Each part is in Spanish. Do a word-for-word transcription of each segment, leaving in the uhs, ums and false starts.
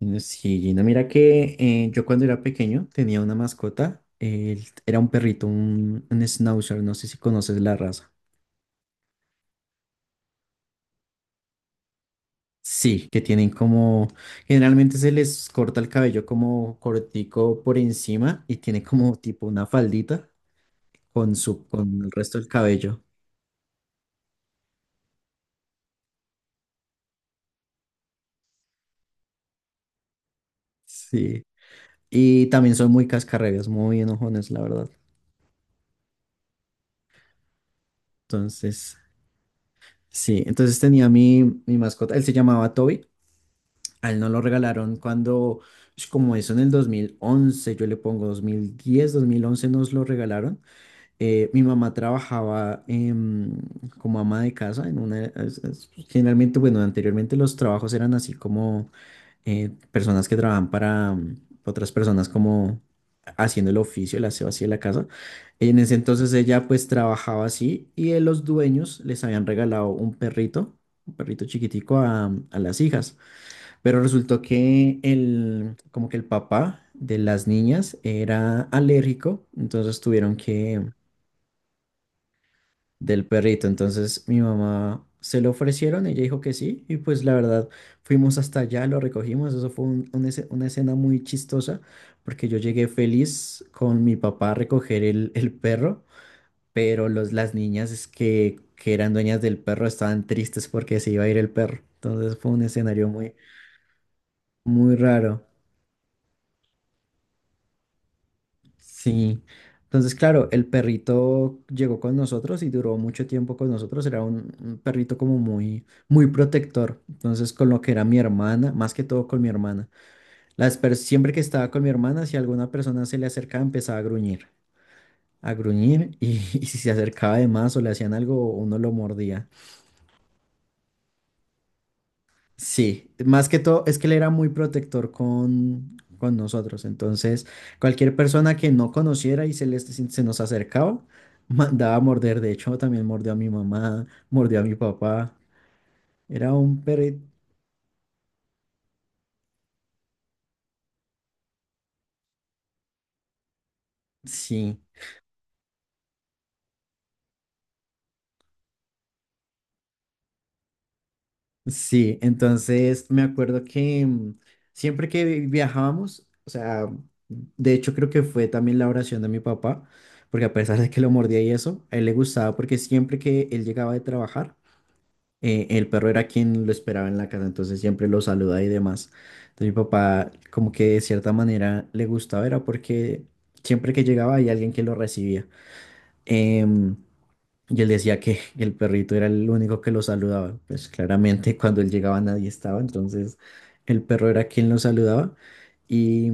No, sí, Gina, mira que eh, yo cuando era pequeño tenía una mascota, él era un perrito, un, un schnauzer, no sé si conoces la raza. Sí, que tienen como, generalmente se les corta el cabello como cortico por encima y tiene como tipo una faldita con su, con el resto del cabello. Sí. Y también son muy cascarrabias, muy enojones, la verdad. Entonces, sí, entonces tenía mi, mi mascota, él se llamaba Toby. A él no lo regalaron cuando, es como eso en el dos mil once, yo le pongo dos dos mil diez dos mil once nos lo regalaron. Eh, mi mamá trabajaba em, como ama de casa en una... es- es- generalmente, bueno, anteriormente los trabajos eran así como eh, personas que trabajan para mm, otras personas como haciendo el oficio, el aseo así de la casa. En ese entonces ella pues trabajaba así y eh, los dueños les habían regalado un perrito, un perrito chiquitico a a las hijas. Pero resultó que el, como que el papá de las niñas era alérgico, entonces tuvieron que del perrito. Entonces mi mamá se lo ofrecieron, ella dijo que sí, y pues la verdad fuimos hasta allá, lo recogimos. Eso fue un- una esce- una escena muy chistosa, porque yo llegué feliz con mi papá a recoger el, el perro, pero los, las niñas es que, que eran dueñas del perro estaban tristes porque se iba a ir el perro. Entonces fue un escenario muy, muy raro. Sí. Entonces, claro, el perrito llegó con nosotros y duró mucho tiempo con nosotros. Era un, un perrito como muy, muy protector. Entonces, con lo que era mi hermana, más que todo con mi hermana. Las per- siempre que estaba con mi hermana, si alguna persona se le acercaba, empezaba a gruñir, a gruñir, y, y si se acercaba de más o le hacían algo, uno lo mordía. Sí, más que todo es que él era muy protector con, con nosotros. Entonces, cualquier persona que no conociera y se, les, se nos acercaba, mandaba a morder. De hecho, también mordió a mi mamá, mordió a mi papá. Era un perro. Sí, sí. Entonces, me acuerdo que mm, siempre que vi- viajábamos, o sea, de hecho, creo que fue también la oración de mi papá, porque a pesar de que lo mordía y eso, a él le gustaba porque siempre que él llegaba de trabajar, eh, el perro era quien lo esperaba en la casa, entonces siempre lo saluda y demás. Entonces mi papá como que de cierta manera le gustaba, era porque siempre que llegaba había alguien que lo recibía. Em, y él decía que el perrito era el único que lo saludaba. Pues claramente cuando él llegaba nadie estaba, entonces el perro era quien lo saludaba. Y,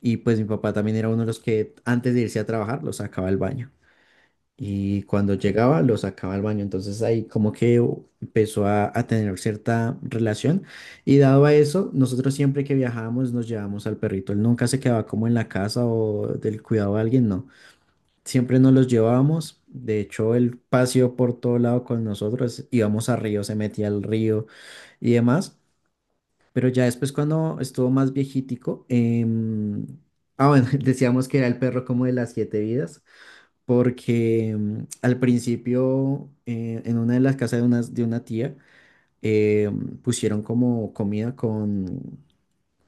y pues mi papá también era uno de los que antes de irse a trabajar lo sacaba al baño. Y cuando llegaba, lo sacaba al baño. Entonces ahí como que u- empezó a, a tener cierta relación. Y dado a eso, nosotros siempre que viajábamos nos llevábamos al perrito. Él nunca se quedaba como en la casa o del cuidado de alguien, no. Siempre nos los llevábamos. De hecho, él paseó por todo lado con nosotros. Íbamos a río, se metía al río y demás. Pero ya después, cuando estuvo más viejitico, em, ah, bueno, decíamos que era el perro como de las siete vidas, porque mm, al principio eh, en una de las casas de una, de una tía eh, pusieron como comida con,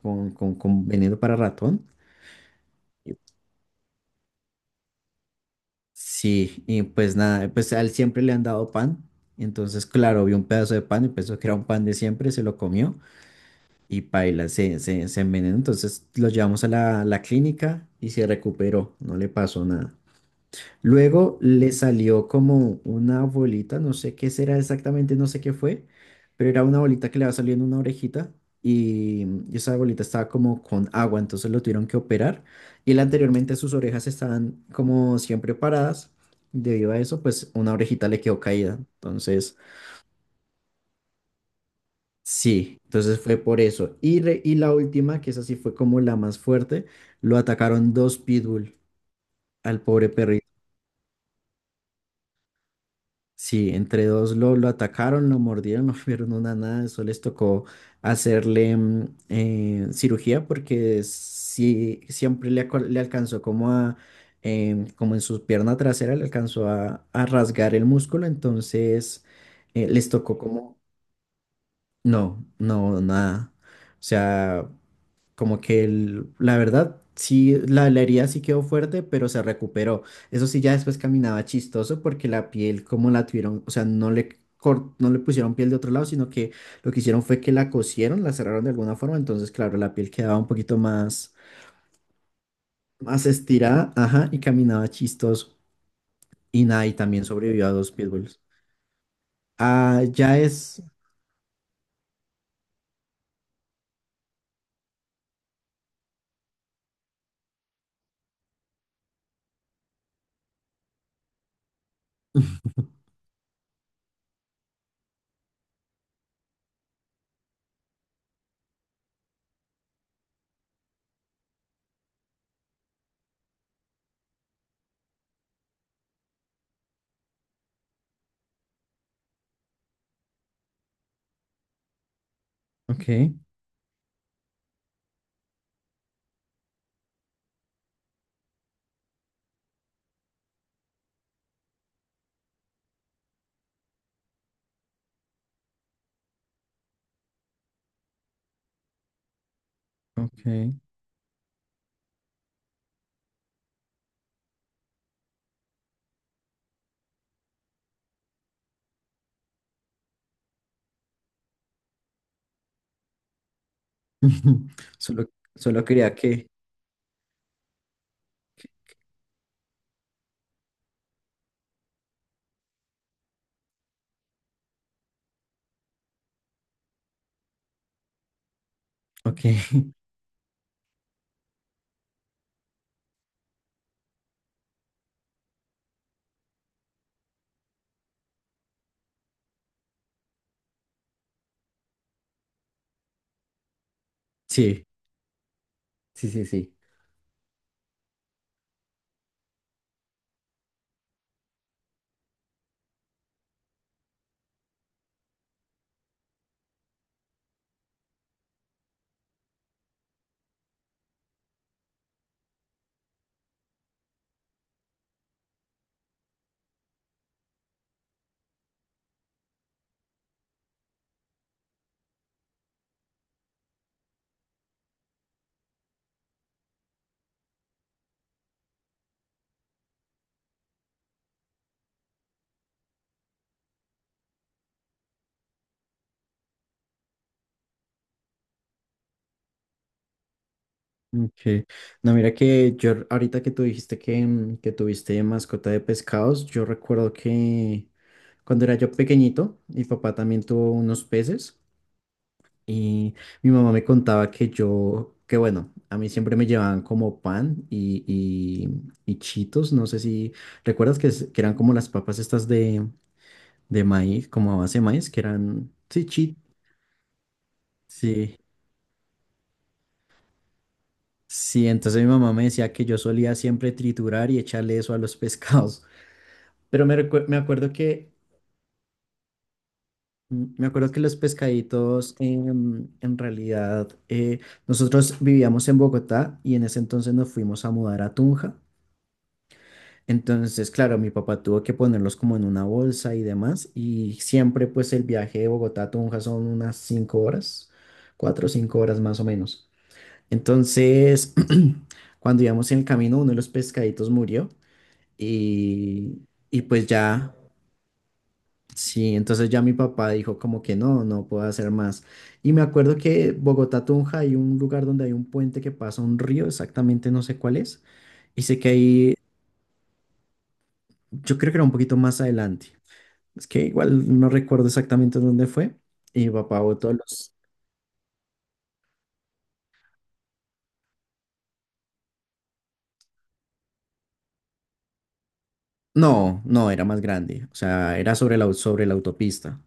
con, con, con veneno para ratón. Y- Sí, y pues nada, pues a él siempre le han dado pan. Entonces, claro, vio un pedazo de pan y pensó que era un pan de siempre, se lo comió y paila, se, se, se envenenó. Entonces lo llevamos a la, la clínica y se recuperó, no le pasó nada. Luego le salió como una bolita, no sé qué será exactamente, no sé qué fue, pero era una bolita que le va saliendo una orejita, y y esa bolita estaba como con agua, entonces lo tuvieron que operar. Y él anteriormente sus orejas estaban como siempre paradas; debido a eso, pues una orejita le quedó caída. Entonces, sí, entonces fue por eso. Y, re- y la última, que esa sí fue como la más fuerte, lo atacaron dos pitbull al pobre perrito. Sí, entre dos lo, lo atacaron, lo mordieron, no vieron una nada, eso les tocó hacerle mm, eh, cirugía, porque sí, siempre le, aco- le alcanzó como a, em, como en su pierna trasera, le alcanzó a, a rasgar el músculo, entonces eh, les tocó como, no, no, nada. O sea, como que el- la verdad, sí, la, la herida sí quedó fuerte, pero se recuperó. Eso sí, ya después caminaba chistoso porque la piel, como la tuvieron, o sea, no le, cor- no le pusieron piel de otro lado, sino que lo que hicieron fue que la cosieron, la cerraron de alguna forma. Entonces, claro, la piel quedaba un poquito más, más estirada, ajá, y caminaba chistoso. Y nada, y también sobrevivió a dos pitbulls. Ah, ya es. Ok, ok. Solo, solo quería que. Ok, sí, sí, sí, sí. Ok. No, mira que yo ahorita que tú dijiste que, mm, que tuviste mascota de pescados, yo recuerdo que cuando era yo pequeñito, mi papá también tuvo unos peces, y mi mamá me contaba que yo, que bueno, a mí siempre me llevaban como pan y, y, y chitos, no sé si recuerdas, que, es- que eran como las papas estas de, de maíz, como a base de maíz, que eran, sí, chi- sí, sí, entonces mi mamá me decía que yo solía siempre triturar y echarle eso a los pescados. Pero me, recue- me acuerdo que me acuerdo que los pescaditos em, en realidad eh, nosotros vivíamos en Bogotá, y en ese entonces nos fuimos a mudar a Tunja. Entonces, claro, mi papá tuvo que ponerlos como en una bolsa y demás. Y siempre, pues, el viaje de Bogotá a Tunja son unas cinco horas, cuatro o cinco horas más o menos. Entonces, cuando íbamos en el camino, uno de los pescaditos murió y, y pues ya. Sí, entonces ya mi papá dijo como que no, no puedo hacer más. Y me acuerdo que Bogotá Tunja hay un lugar donde hay un puente que pasa un río, exactamente no sé cuál es, y sé que ahí, yo creo que era un poquito más adelante. Es que igual no recuerdo exactamente dónde fue. Y mi papá botó los... No, no, era más grande, o sea, era sobre la, au- sobre la autopista.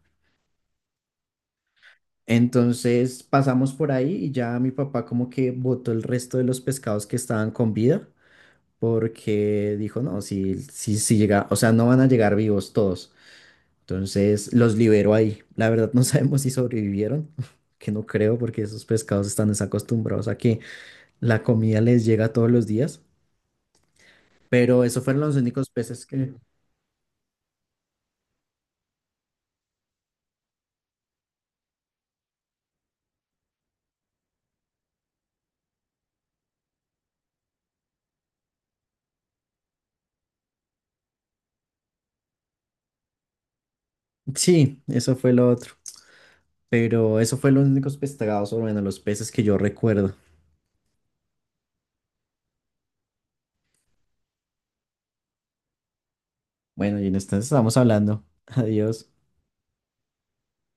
Entonces pasamos por ahí y ya mi papá como que botó el resto de los pescados que estaban con vida porque dijo, no, si, si, si llega, o sea, no van a llegar vivos todos. Entonces los liberó ahí. La verdad no sabemos si sobrevivieron, que no creo porque esos pescados están desacostumbrados a que la comida les llega todos los días. Pero eso fueron los únicos peces que... Sí, eso fue lo otro. Pero eso fue los únicos pescados, o bueno, los peces que yo recuerdo. Bueno, y en este estamos hablando. Adiós.